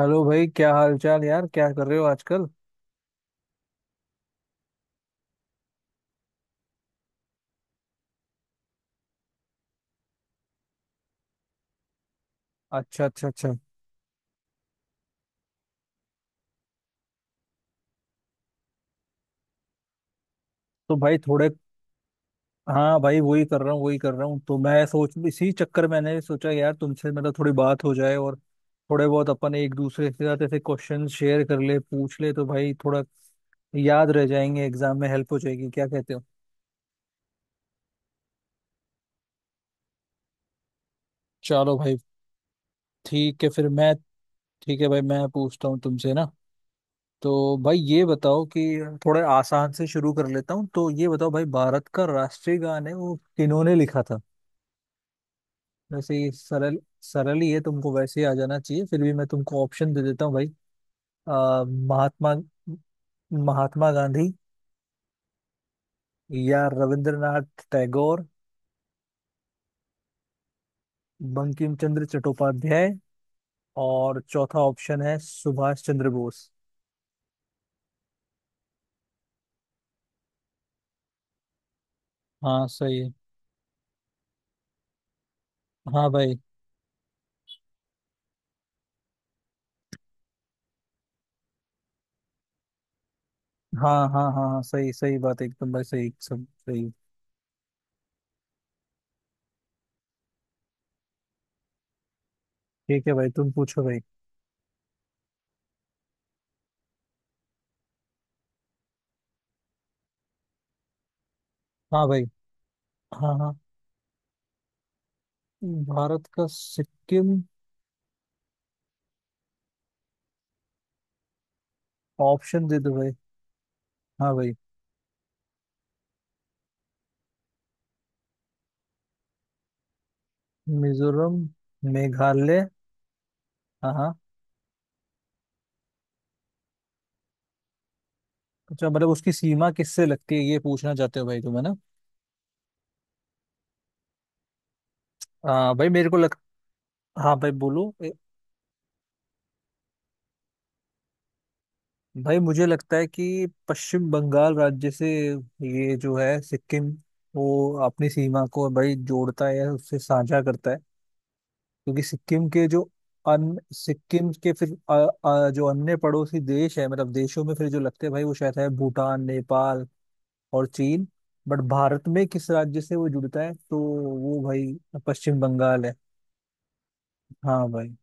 Hello भाई, क्या हाल चाल यार? क्या कर रहे हो आजकल? अच्छा अच्छा अच्छा। तो भाई थोड़े। हाँ भाई, वही कर रहा हूँ, वही कर रहा हूँ। तो मैं सोच, इसी चक्कर में मैंने सोचा यार, तुमसे मतलब थोड़ी बात हो जाए और थोड़े बहुत अपन एक दूसरे के साथ ऐसे क्वेश्चन शेयर कर ले, पूछ ले, तो भाई थोड़ा याद रह जाएंगे, एग्जाम में हेल्प हो जाएगी। क्या कहते हो? चलो भाई। ठीक है, फिर मैं। ठीक है भाई, मैं पूछता हूँ तुमसे ना। तो भाई ये बताओ कि, थोड़े आसान से शुरू कर लेता हूँ, तो ये बताओ भाई, भारत का राष्ट्रीय गान है, वो किन्होंने लिखा था? वैसे ही सरल सरल ही है, तुमको वैसे ही आ जाना चाहिए। फिर भी मैं तुमको ऑप्शन दे देता हूँ भाई। महात्मा, महात्मा गांधी, या रविंद्रनाथ टैगोर, बंकिम चंद्र चट्टोपाध्याय, और चौथा ऑप्शन है सुभाष चंद्र बोस। हाँ सही है। हाँ भाई। हाँ हाँ हाँ हाँ, सही सही बात है एकदम भाई, सही सब सही। ठीक है भाई, तुम पूछो भाई। हाँ भाई। हाँ हाँ। भारत का सिक्किम। ऑप्शन दे दो भाई। हाँ भाई। मिजोरम, मेघालय। हाँ हाँ। अच्छा, मतलब उसकी सीमा किससे लगती है, ये पूछना चाहते हो भाई तुम, है ना? भाई मेरे को लग। हाँ भाई बोलो। भाई मुझे लगता है कि पश्चिम बंगाल राज्य से ये जो है सिक्किम, वो अपनी सीमा को भाई जोड़ता है या उससे साझा करता है। क्योंकि सिक्किम के जो, अन सिक्किम के फिर जो अन्य पड़ोसी देश है, मतलब देशों में फिर जो लगते हैं भाई, वो शायद है भूटान, नेपाल और चीन। बट भारत में किस राज्य से वो जुड़ता है, तो वो भाई पश्चिम बंगाल है। हाँ भाई।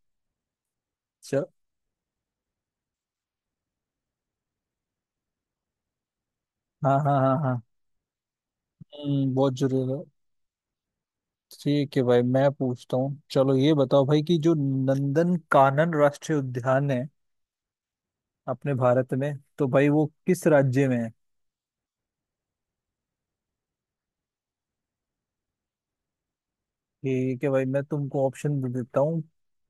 हाँ हाँ हाँ हाँ। बहुत जरूरी है। ठीक है भाई, मैं पूछता हूँ। चलो ये बताओ भाई कि जो नंदन कानन राष्ट्रीय उद्यान है अपने भारत में, तो भाई वो किस राज्य में है? ठीक है भाई, मैं तुमको ऑप्शन दे देता हूँ।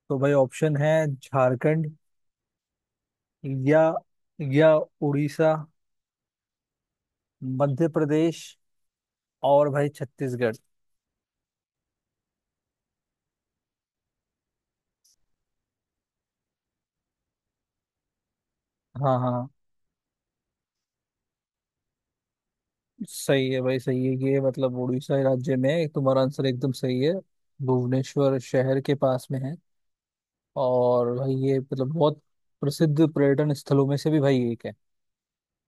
तो भाई ऑप्शन है झारखंड, या या उड़ीसा, मध्य प्रदेश और भाई छत्तीसगढ़। हाँ हाँ, सही है भाई सही है। ये मतलब उड़ीसा राज्य में है। तुम्हारा आंसर एकदम सही है। भुवनेश्वर शहर के पास में है। और भाई ये मतलब बहुत प्रसिद्ध पर्यटन स्थलों में से भी भाई एक है,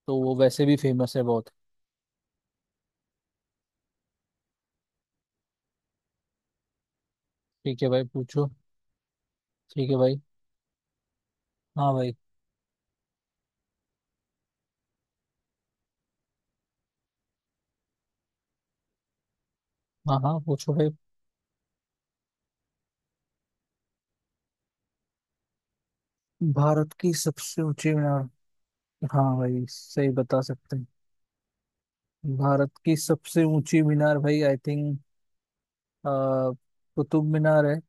तो वो वैसे भी फेमस है बहुत। ठीक है भाई पूछो। ठीक है भाई। हाँ भाई। हाँ हाँ पूछो भाई। भारत की सबसे ऊंची मीनार। हाँ भाई, सही बता सकते हैं। भारत की सबसे ऊंची मीनार भाई, आई थिंक, कुतुब मीनार है।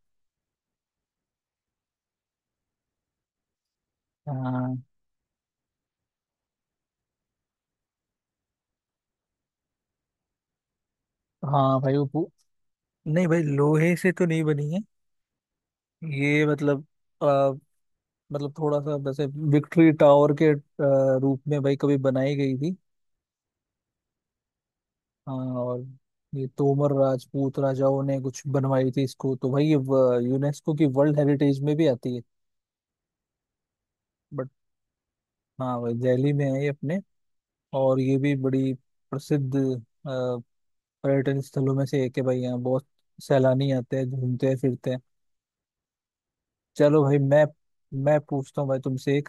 हाँ। हाँ भाई वो पु-। नहीं भाई, लोहे से तो नहीं बनी है। ये मतलब, अ, मतलब थोड़ा सा वैसे विक्ट्री टावर के रूप में भाई कभी बनाई गई थी। हाँ। और ये तोमर राजपूत राजाओं ने कुछ बनवाई थी इसको, तो भाई ये व- यूनेस्को की वर्ल्ड हेरिटेज में भी आती है। बट, हाँ भाई दिल्ली में है ये अपने। और ये भी बड़ी प्रसिद्ध अ, पर्यटन स्थलों में से एक है भाई, यहाँ बहुत सैलानी आते हैं, घूमते हैं, फिरते हैं। चलो भाई मैं। मैं पूछता हूँ भाई तुमसे एक।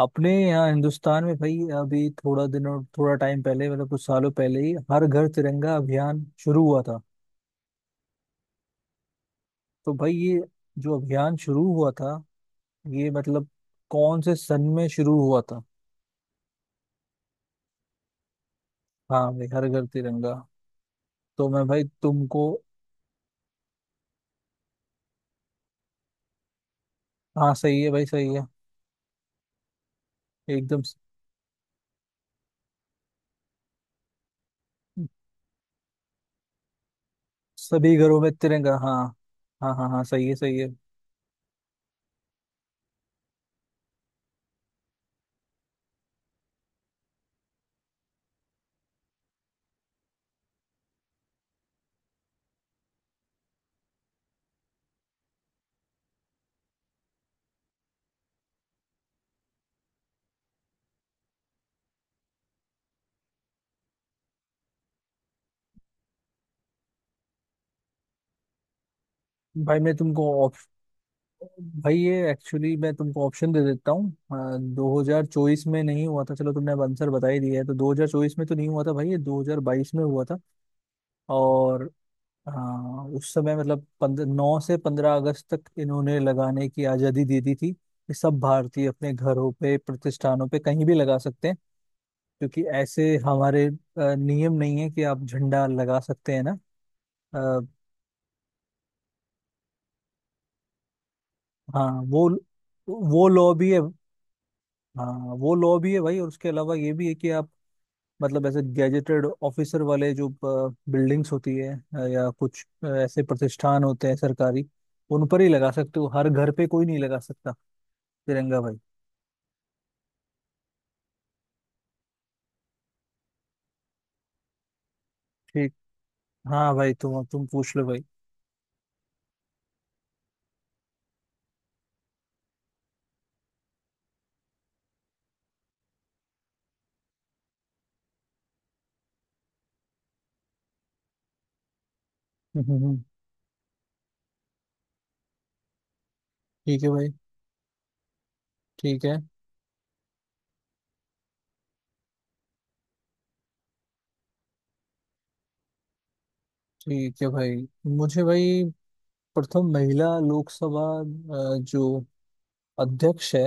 अपने यहाँ हिंदुस्तान में भाई अभी थोड़ा दिनों, थोड़ा टाइम पहले, मतलब कुछ सालों पहले ही, हर घर तिरंगा अभियान शुरू हुआ था। तो भाई ये जो अभियान शुरू हुआ था, ये मतलब कौन से सन में शुरू हुआ था? हाँ भाई, हर घर तिरंगा। तो मैं भाई तुमको। हाँ सही है भाई सही है। एकदम स-। सभी घरों में तिरंगा। हाँ हाँ हाँ हाँ, सही है सही है। भाई मैं तुमको ऑप्श। भाई ये एक्चुअली, मैं तुमको ऑप्शन दे देता हूँ। 2024 में नहीं हुआ था। चलो तुमने अब आंसर बता ही दिया है, तो 2024 में तो नहीं हुआ था भाई, ये 2022 में हुआ था। और, हाँ उस समय मतलब 15/9 से 15 अगस्त तक इन्होंने लगाने की आजादी दे दी थी, कि सब भारतीय अपने घरों पे, प्रतिष्ठानों पे, कहीं भी लगा सकते हैं। क्योंकि ऐसे हमारे नियम नहीं है कि आप झंडा लगा सकते हैं ना। आ, हाँ वो। लॉ भी है। हाँ वो लॉ भी है भाई। और उसके अलावा ये भी है कि आप, मतलब ऐसे गैजेटेड ऑफिसर वाले जो बिल्डिंग्स होती है, या कुछ ऐसे प्रतिष्ठान होते हैं सरकारी, उन पर ही लगा सकते हो, हर घर पे कोई नहीं लगा सकता तिरंगा भाई। ठीक। हाँ भाई, तुम पूछ लो भाई। हम्म, हम्म, हम्म, ठीक है भाई। ठीक है। ठीक है भाई। मुझे भाई, प्रथम महिला लोकसभा, जो अध्यक्ष है।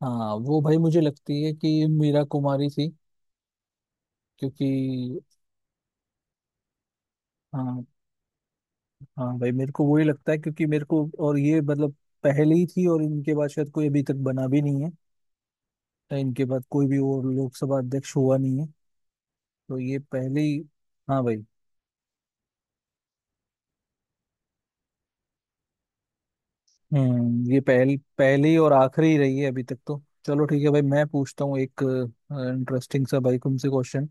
हाँ वो भाई मुझे लगती है कि मीरा कुमारी थी। क्योंकि। हाँ। हाँ भाई, मेरे को वही लगता है, क्योंकि मेरे को और ये मतलब पहले ही थी, और इनके बाद शायद कोई अभी तक बना भी नहीं है। इनके बाद कोई भी और लोकसभा अध्यक्ष हुआ नहीं है, तो ये पहले ही। हाँ भाई। हम्म, ये पहल पहली और आखिरी रही है अभी तक तो। चलो ठीक है भाई, मैं पूछता हूँ एक इंटरेस्टिंग सा भाई तुमसे क्वेश्चन।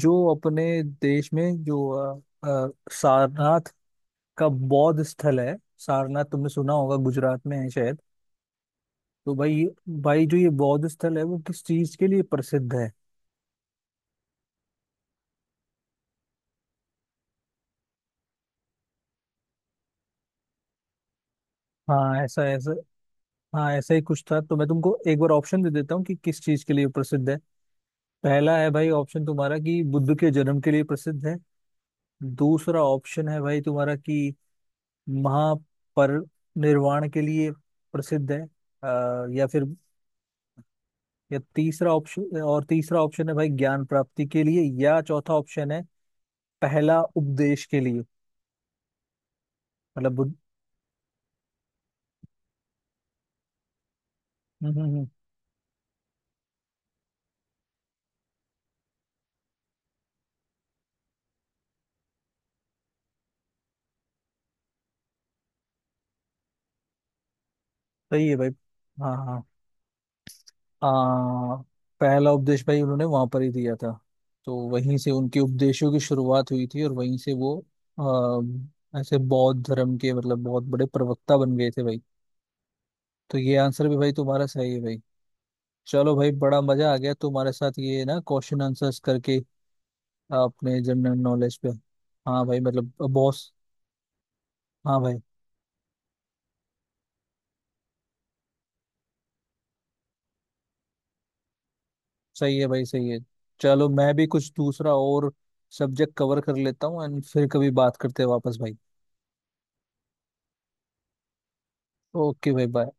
जो अपने देश में जो सारनाथ का बौद्ध स्थल है। सारनाथ तुमने सुना होगा, गुजरात में है शायद। तो भाई ये- भाई जो ये बौद्ध स्थल है, वो किस चीज के लिए प्रसिद्ध है? हाँ ऐसा ऐसा। हाँ ऐसा ही कुछ था। तो मैं तुमको एक बार ऑप्शन दे देता हूँ कि किस चीज के लिए प्रसिद्ध है। पहला है भाई ऑप्शन तुम्हारा, कि बुद्ध के जन्म के लिए प्रसिद्ध है। दूसरा ऑप्शन है भाई तुम्हारा, कि महापरिनिर्वाण के लिए प्रसिद्ध है। या फिर, या तीसरा ऑप्शन, और तीसरा ऑप्शन है भाई ज्ञान प्राप्ति के लिए, या चौथा ऑप्शन है पहला उपदेश के लिए। मतलब बुद्ध। हम्म हम्म, हम्म, सही है भाई। हाँ हाँ। आ, पहला उपदेश भाई उन्होंने वहां पर ही दिया था। तो वहीं से उनके उपदेशों की शुरुआत हुई थी, और वहीं से वो ऐसे बौद्ध धर्म के मतलब बहुत बड़े प्रवक्ता बन गए थे भाई। तो ये आंसर भी भाई तुम्हारा सही है भाई। चलो भाई, बड़ा मजा आ गया तुम्हारे साथ ये ना क्वेश्चन आंसर्स करके अपने जनरल नॉलेज पे। हाँ भाई मतलब बॉस। हाँ भाई, सही है भाई सही है। चलो मैं भी कुछ दूसरा और सब्जेक्ट कवर कर लेता हूँ, एंड फिर कभी बात करते हैं वापस भाई। ओके भाई, बाय।